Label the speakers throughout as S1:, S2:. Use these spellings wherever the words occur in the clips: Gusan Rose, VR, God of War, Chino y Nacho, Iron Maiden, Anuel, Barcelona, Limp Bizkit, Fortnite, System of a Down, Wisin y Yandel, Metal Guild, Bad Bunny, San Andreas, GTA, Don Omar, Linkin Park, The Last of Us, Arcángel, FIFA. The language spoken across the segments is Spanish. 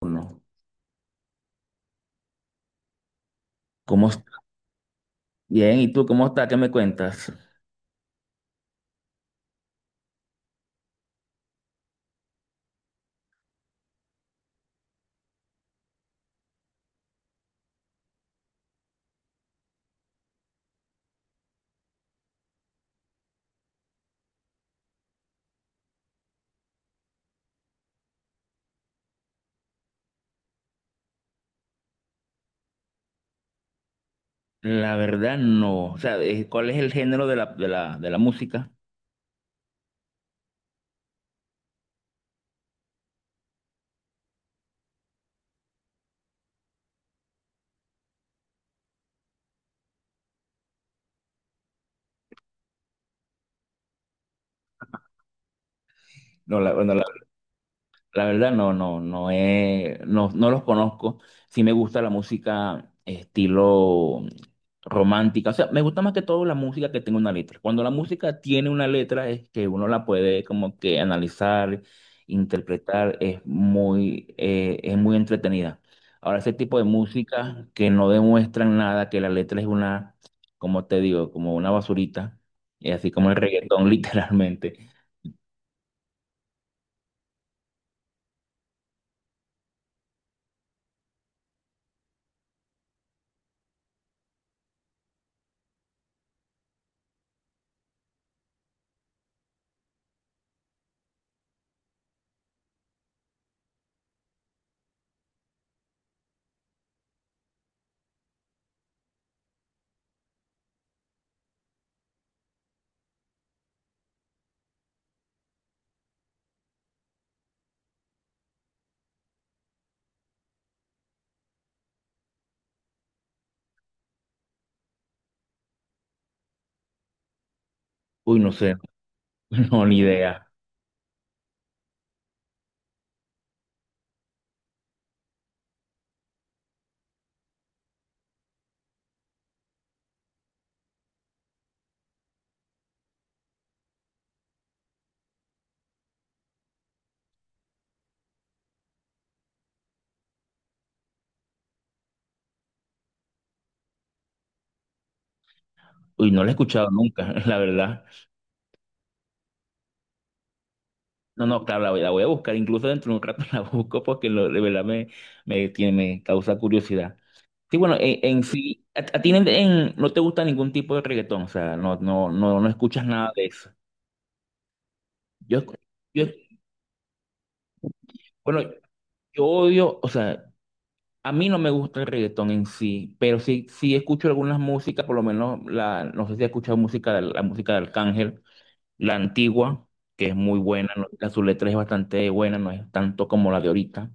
S1: Uno. ¿Cómo bien? ¿Y tú cómo estás? ¿Qué me cuentas? La verdad no. O sea, ¿cuál es el género de la música? No, la, bueno, la verdad no, no, no los conozco. Sí me gusta la música estilo romántica. O sea, me gusta más que todo la música que tenga una letra. Cuando la música tiene una letra es que uno la puede como que analizar, interpretar, es muy entretenida. Ahora, ese tipo de música que no demuestran nada, que la letra es una, como te digo, como una basurita, así como el reggaetón literalmente. Uy, no sé, no, ni idea. Uy, no la he escuchado nunca, la verdad. No, no, claro, la voy a buscar, incluso dentro de un rato la busco porque de verdad tiene, me causa curiosidad. Sí, bueno, en sí, a ti no te gusta ningún tipo de reggaetón, o sea, no, no, no, no escuchas nada de eso. Yo, yo, bueno, yo odio, o sea, a mí no me gusta el reggaetón en sí, pero sí, sí escucho algunas músicas, por lo menos la, no sé si has escuchado música, la música de Arcángel. La antigua, que es muy buena, la su letra es bastante buena, no es tanto como la de ahorita.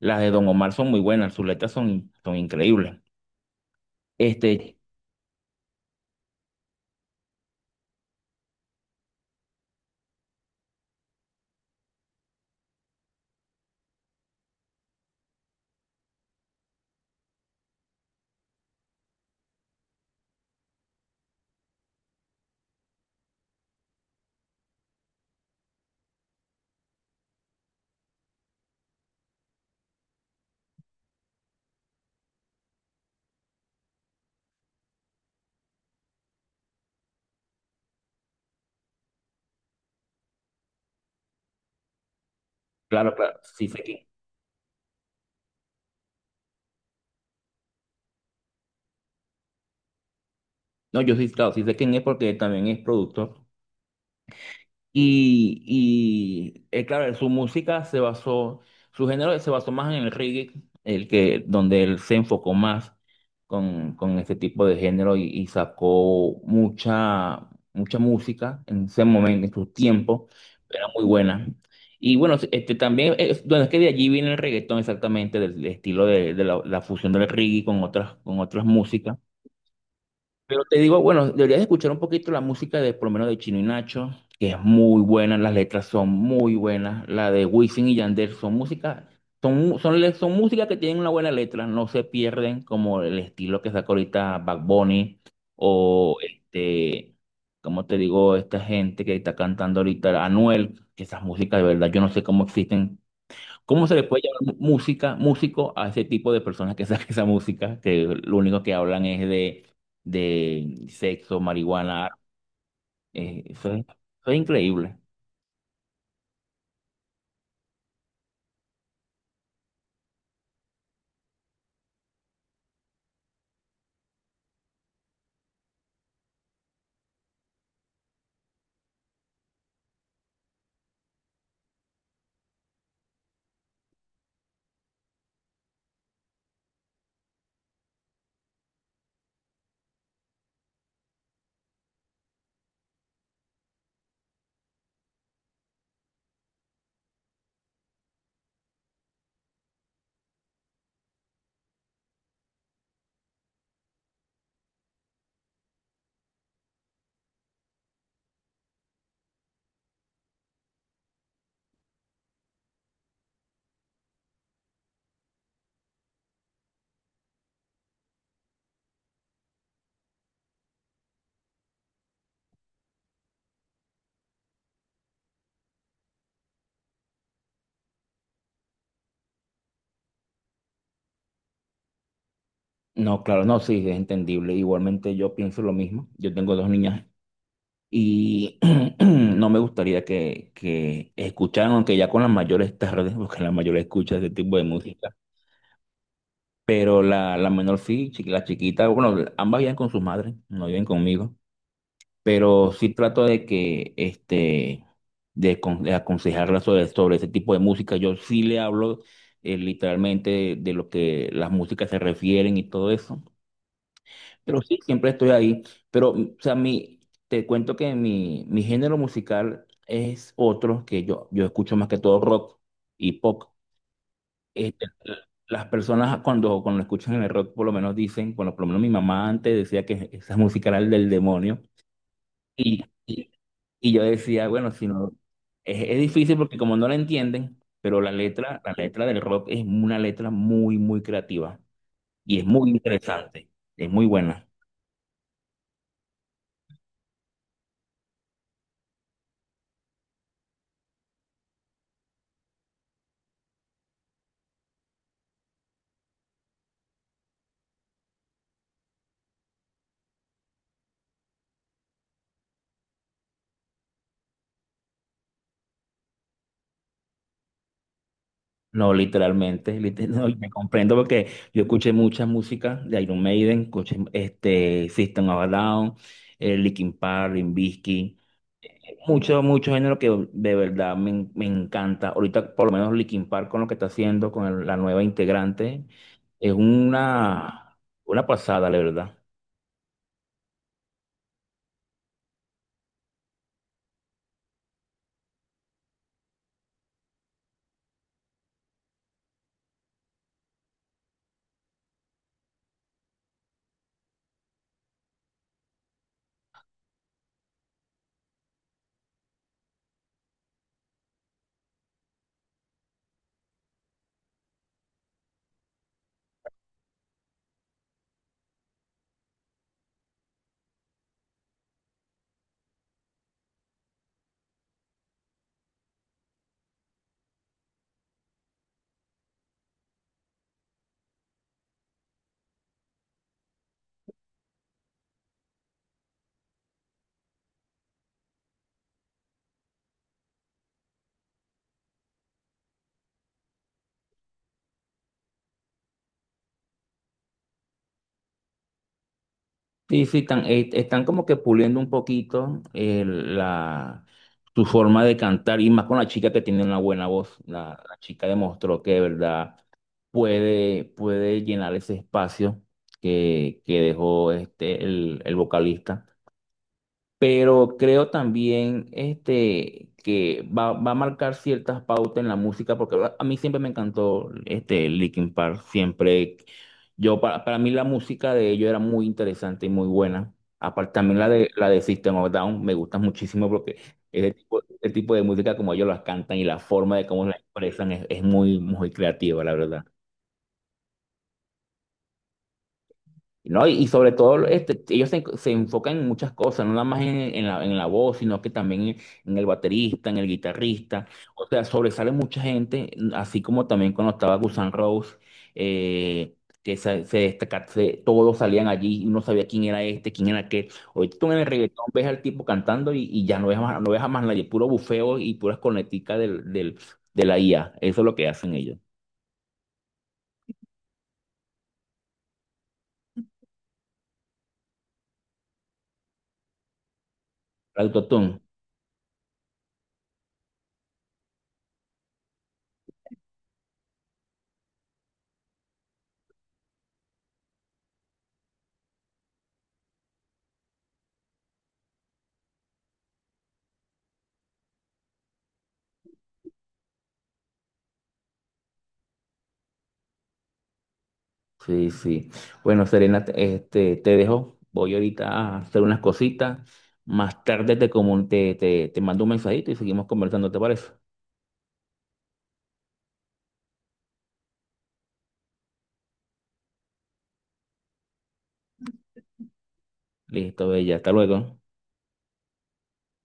S1: Las de Don Omar son muy buenas, sus letras son, son increíbles. Este, claro, claro, sí sé quién. No, yo sí, claro, sí sé quién es porque también es productor. Y, claro, su música se basó, su género se basó más en el reggae, el que, donde él se enfocó más con este tipo de género y sacó mucha, mucha música en ese momento, en su tiempo, era muy buena. Y bueno, este también, es, bueno, es que de allí viene el reggaetón exactamente, del, del estilo de la, la fusión del reggae con otras músicas. Pero te digo, bueno, deberías escuchar un poquito la música de, por lo menos de Chino y Nacho, que es muy buena, las letras son muy buenas, la de Wisin y Yandel son música, son, son, son música que tienen una buena letra, no se pierden como el estilo que sacó ahorita Bad Bunny o este, como te digo, esta gente que está cantando ahorita, Anuel, que esas músicas de verdad, yo no sé cómo existen. ¿Cómo se le puede llamar música, músico a ese tipo de personas que sacan esa música, que lo único que hablan es de sexo, marihuana? eh, eso es, eso es increíble. No, claro, no, sí, es entendible. Igualmente yo pienso lo mismo. Yo tengo dos niñas y no me gustaría que escucharan, aunque ya con las mayores tarde, porque la mayor escucha ese tipo de música. Pero la menor sí, la chiquita, bueno, ambas viven con sus madres, no viven conmigo. Pero sí trato de que, este, de, de aconsejarla sobre, sobre ese tipo de música. Yo sí le hablo literalmente de lo que las músicas se refieren y todo eso, pero sí, siempre estoy ahí. Pero, mm, o sea, mi, te cuento que mi género musical es otro, que yo escucho más que todo rock y pop. Este, las personas cuando, cuando escuchan el rock por lo menos dicen, bueno, por lo menos mi mamá antes decía que esa música era el del demonio. Y, y- y yo decía, bueno, si no, es difícil porque como no la entienden, pero la letra del rock es una letra muy, muy creativa y es muy interesante, es muy buena. No, literalmente, no, y me comprendo porque yo escuché mucha música de Iron Maiden, escuché este, System of a Down, Linkin Park, Limp Bizkit, mucho, mucho género que de verdad me, me encanta. Ahorita, por lo menos, Linkin Park con lo que está haciendo, con la nueva integrante, es una pasada, la verdad. Sí, sí, están, están como que puliendo un poquito la, su forma de cantar y más con la chica que tiene una buena voz. La chica demostró que de verdad puede, puede llenar ese espacio que dejó este, el vocalista. Pero creo también este, que va, va a marcar ciertas pautas en la música, porque a mí siempre me encantó este, Linkin Park, siempre, yo, para mí la música de ellos era muy interesante y muy buena, aparte también la de System of Down me gusta muchísimo porque ese tipo de música como ellos las cantan y la forma de cómo la expresan es muy, muy creativa, la verdad. No, y sobre todo, este, ellos se, se enfocan en muchas cosas, no nada más en la voz, sino que también en el baterista, en el guitarrista. O sea, sobresale mucha gente, mm, así como también cuando estaba Gusan Rose, eh, que se, todos salían allí y uno sabía quién era este, quién era aquel. Ahorita tú en el reggaetón ves al tipo cantando y ya no ves, no ves a más nadie, puro bufeo y puras corneticas del, del, de la IA. Eso es lo que hacen ellos. Autotune. Sí, sí. Bueno, Serena, este, te dejo. Voy ahorita a hacer unas cositas. Más tarde te, te mando un mensajito y seguimos conversando, ¿te parece? Listo, bella. Hasta luego.